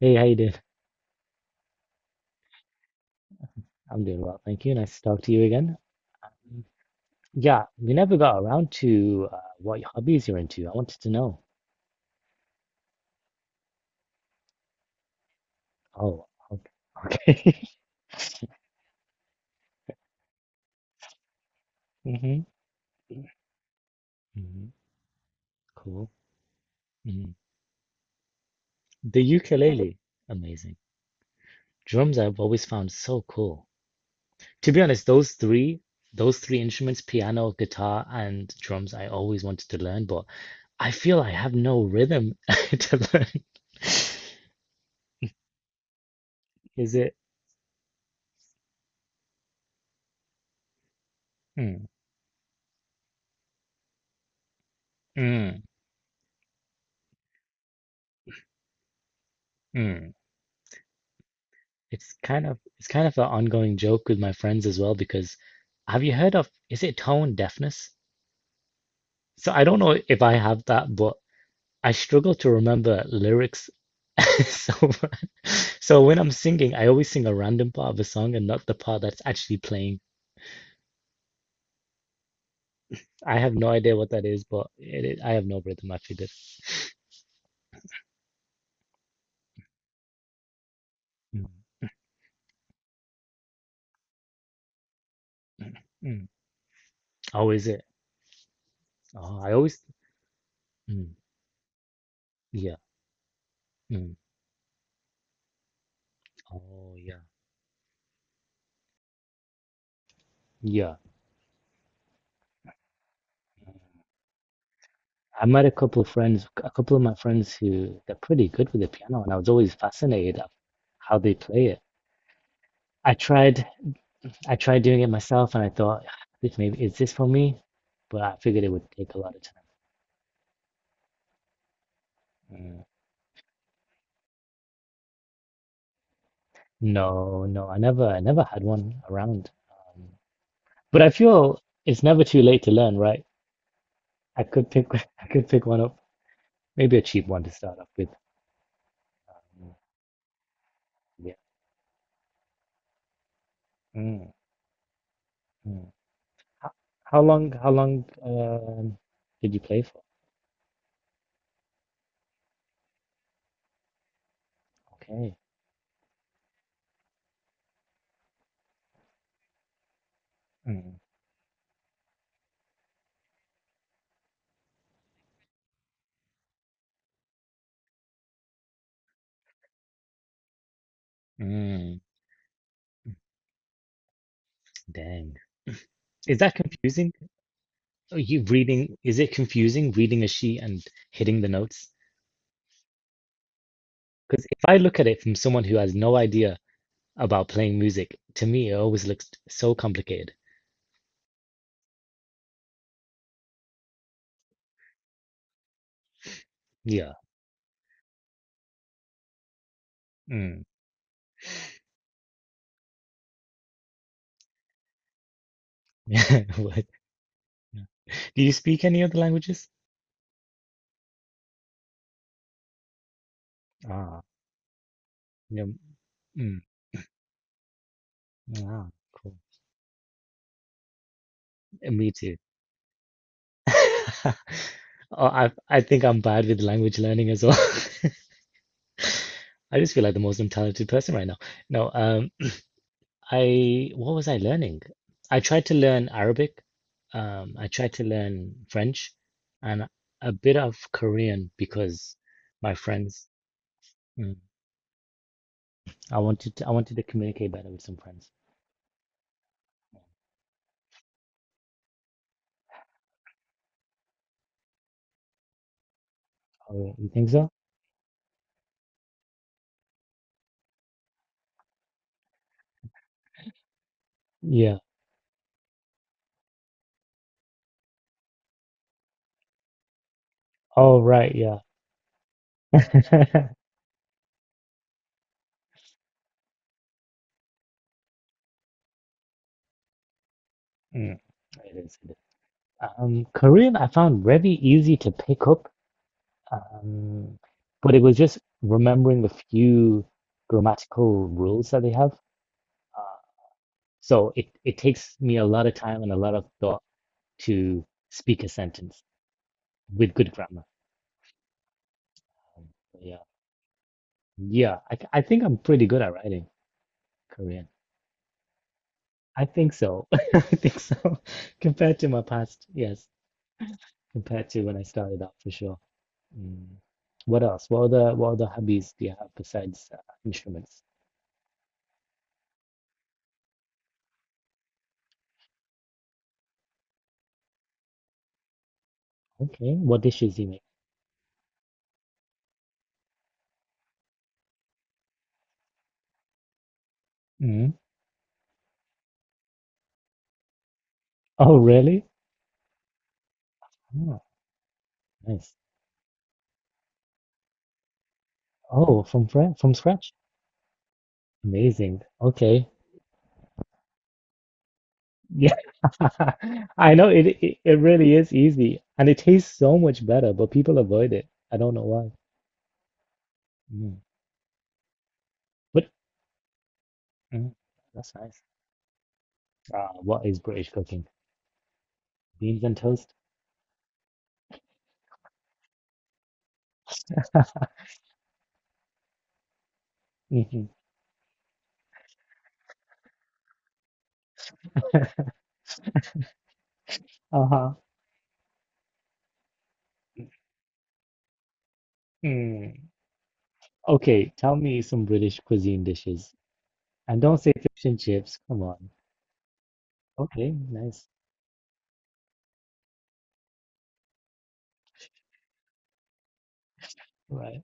Hey, how you doing? I'm doing well, thank you. Nice to talk to you again. Mm. Yeah, we never got around to what hobbies you're into. I wanted to know. Oh, okay. Okay. hmm hmm Cool. hmm The ukulele, amazing. Drums I've always found so cool. To be honest, those three instruments, piano, guitar, and drums, I always wanted to learn, but I feel I have no rhythm to learn. Is it? Mm, mm, mm. It's kind of It's kind of an ongoing joke with my friends as well because have you heard of is it tone deafness? So I don't know if I have that, but I struggle to remember lyrics. So so when I'm singing, I always sing a random part of a song and not the part that's actually playing. I have no idea what that is, but I have no rhythm. I figured. Mm, mm. Oh, is it? Oh, I always. Mm, yeah. Mm. Oh, yeah. Yeah. I met a couple of friends, a couple of my friends who they're pretty good with the piano, and I was always fascinated of how they play it. I tried, I tried doing it myself, and I thought, "Ah, this maybe is this for me? But I figured it would take a lot of time. Mm. No, I never had one around. Um, but I feel it's never too late to learn, right? I could pick, I could pick one up, maybe a cheap one to start off with. Mm, yeah. Mm, mm. How, how long, did you play for? Okay. Mm. Mm, dang. Is that confusing? Are you reading, is it confusing reading a sheet and hitting the notes? Because if I look at it from someone who has no idea about playing music, to me it always looks so complicated. Yeah. Mm. What? Do you speak any other languages? Ah, yeah. Mm. Ah, cool. Me too. Oh, I think I'm bad with language learning as well. I just feel like the most untalented person right now. No, um. I what was I learning? I tried to learn Arabic, I tried to learn French, and a bit of Korean because my friends. Mm, I wanted to communicate better with some friends. Oh, yeah, you think so? Yeah. Oh, right. Yeah. Mm, it is. It is. Korean I found very easy to pick up, um, but it was just remembering the few grammatical rules that they have. So it takes me a lot of time and a lot of thought to speak a sentence with good grammar. Um, yeah. Yeah. I think I'm pretty good at writing Korean. I think so. I think so. Compared to my past, yes. Compared to when I started out, for sure. Mm. What else? What other hobbies do you have besides instruments? Okay. What dishes do you make? Mm. Oh, really? Oh, nice. Oh, from scratch. Amazing. Okay. Yeah, I know it really is easy and it tastes so much better, but people avoid it. I don't know why. Mm. But mm, that's nice. What is British cooking? Beans and toast? Mhm. Uh-huh. Mm. Okay, tell me some British cuisine dishes. And don't say fish and chips. Come on. Okay, nice. Right.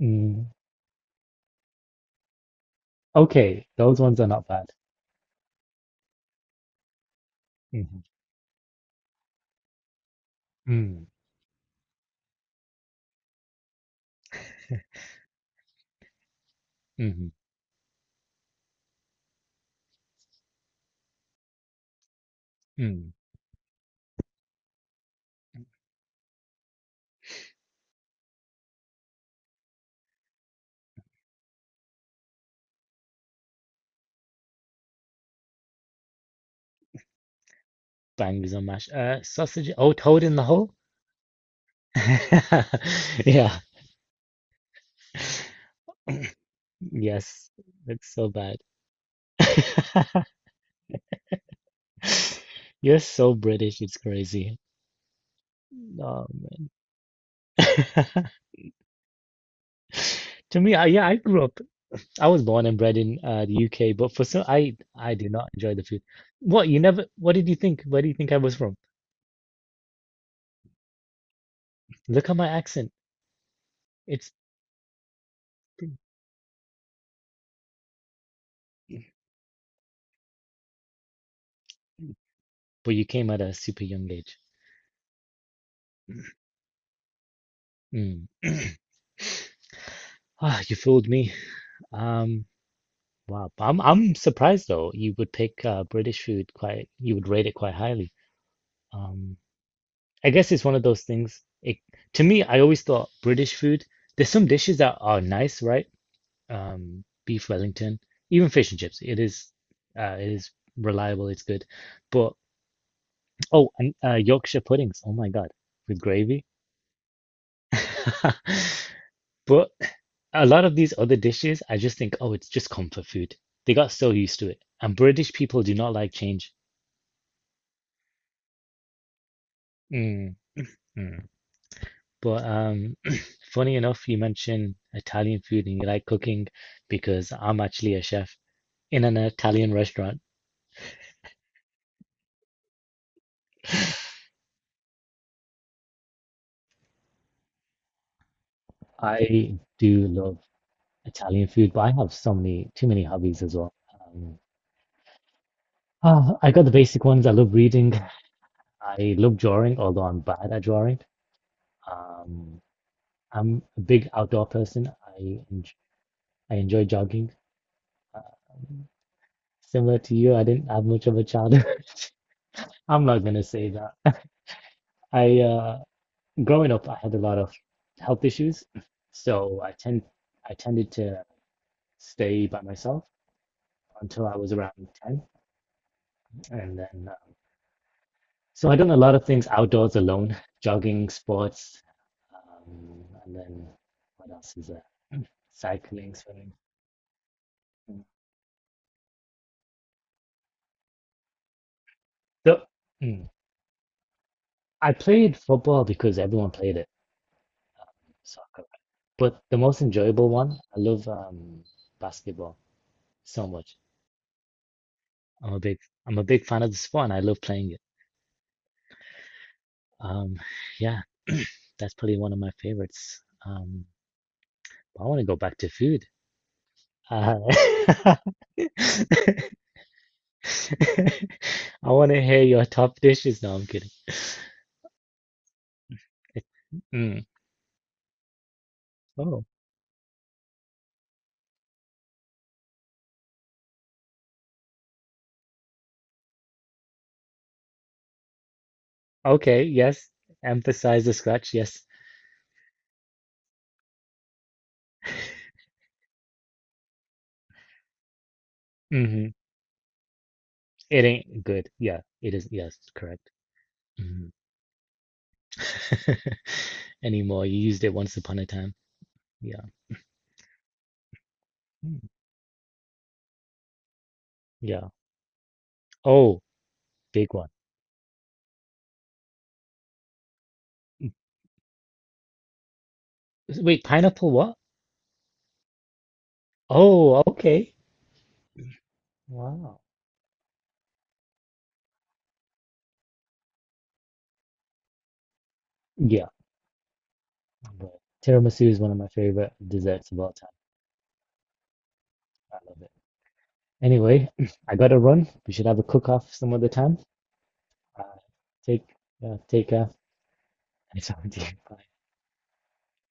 Mm. Okay, those ones are not bad. Hmm Mm. hmm Mm. Bangers on mash. Sausage. Oh, toad in the hole? Yeah. Yes. That's so bad. You're so British. It's crazy. Oh man. To me, I, yeah, I grew up. I was born and bred in the UK, but for some, I do not enjoy the food. What you never? What did you think? Where do you think I was from? Look at my accent. It's but you came at a super young age. Mm. Ah, you fooled me. Um, wow. I'm surprised though. You would pick British food quite. You would rate it quite highly. Um, I guess it's one of those things. It, to me, I always thought British food, there's some dishes that are nice, right? Beef Wellington, even fish and chips. It is reliable. It's good. But oh, and Yorkshire puddings. Oh my God, with gravy. But a lot of these other dishes, I just think, oh, it's just comfort food. They got so used to it. And British people do not like change. Mm, mm. But funny enough, you mentioned Italian food and you like cooking because I'm actually a chef in an Italian restaurant. I do love Italian food, but I have so many, too many hobbies as well. Um, ah, I got the basic ones. I love reading. I love drawing, although I'm bad at drawing. Um, I'm a big outdoor person. Enj I enjoy jogging. Similar to you, I didn't have much of a childhood. I'm not gonna say that. I growing up, I had a lot of health issues, so I tended to stay by myself until I was around 10, and then so I done a lot of things outdoors alone, jogging, sports, and then what else is there? Cycling, swimming. Mm. The, mm, I played football because everyone played it, soccer, but the most enjoyable one, I love basketball so much. I'm a big I'm a big fan of the sport, and I love playing it. Um, yeah. That's probably one of my favorites. I want to go back to food. Uh, I want to hear your top dishes. No, I'm kidding. Mm. Oh, okay. Yes. Emphasize the scratch. Yes. hmm It ain't good. Yeah, it is. Yes, correct. Hmm Anymore. You used it once upon a time. Yeah. Mm. Yeah. Oh, big one. Wait, pineapple what? Oh, okay. Wow. Yeah. But Tiramisu is one of my favorite desserts of all time. I love it. Anyway, I gotta run. We should have a cook off some other time. Uh, take, take, it's on to you. Bye.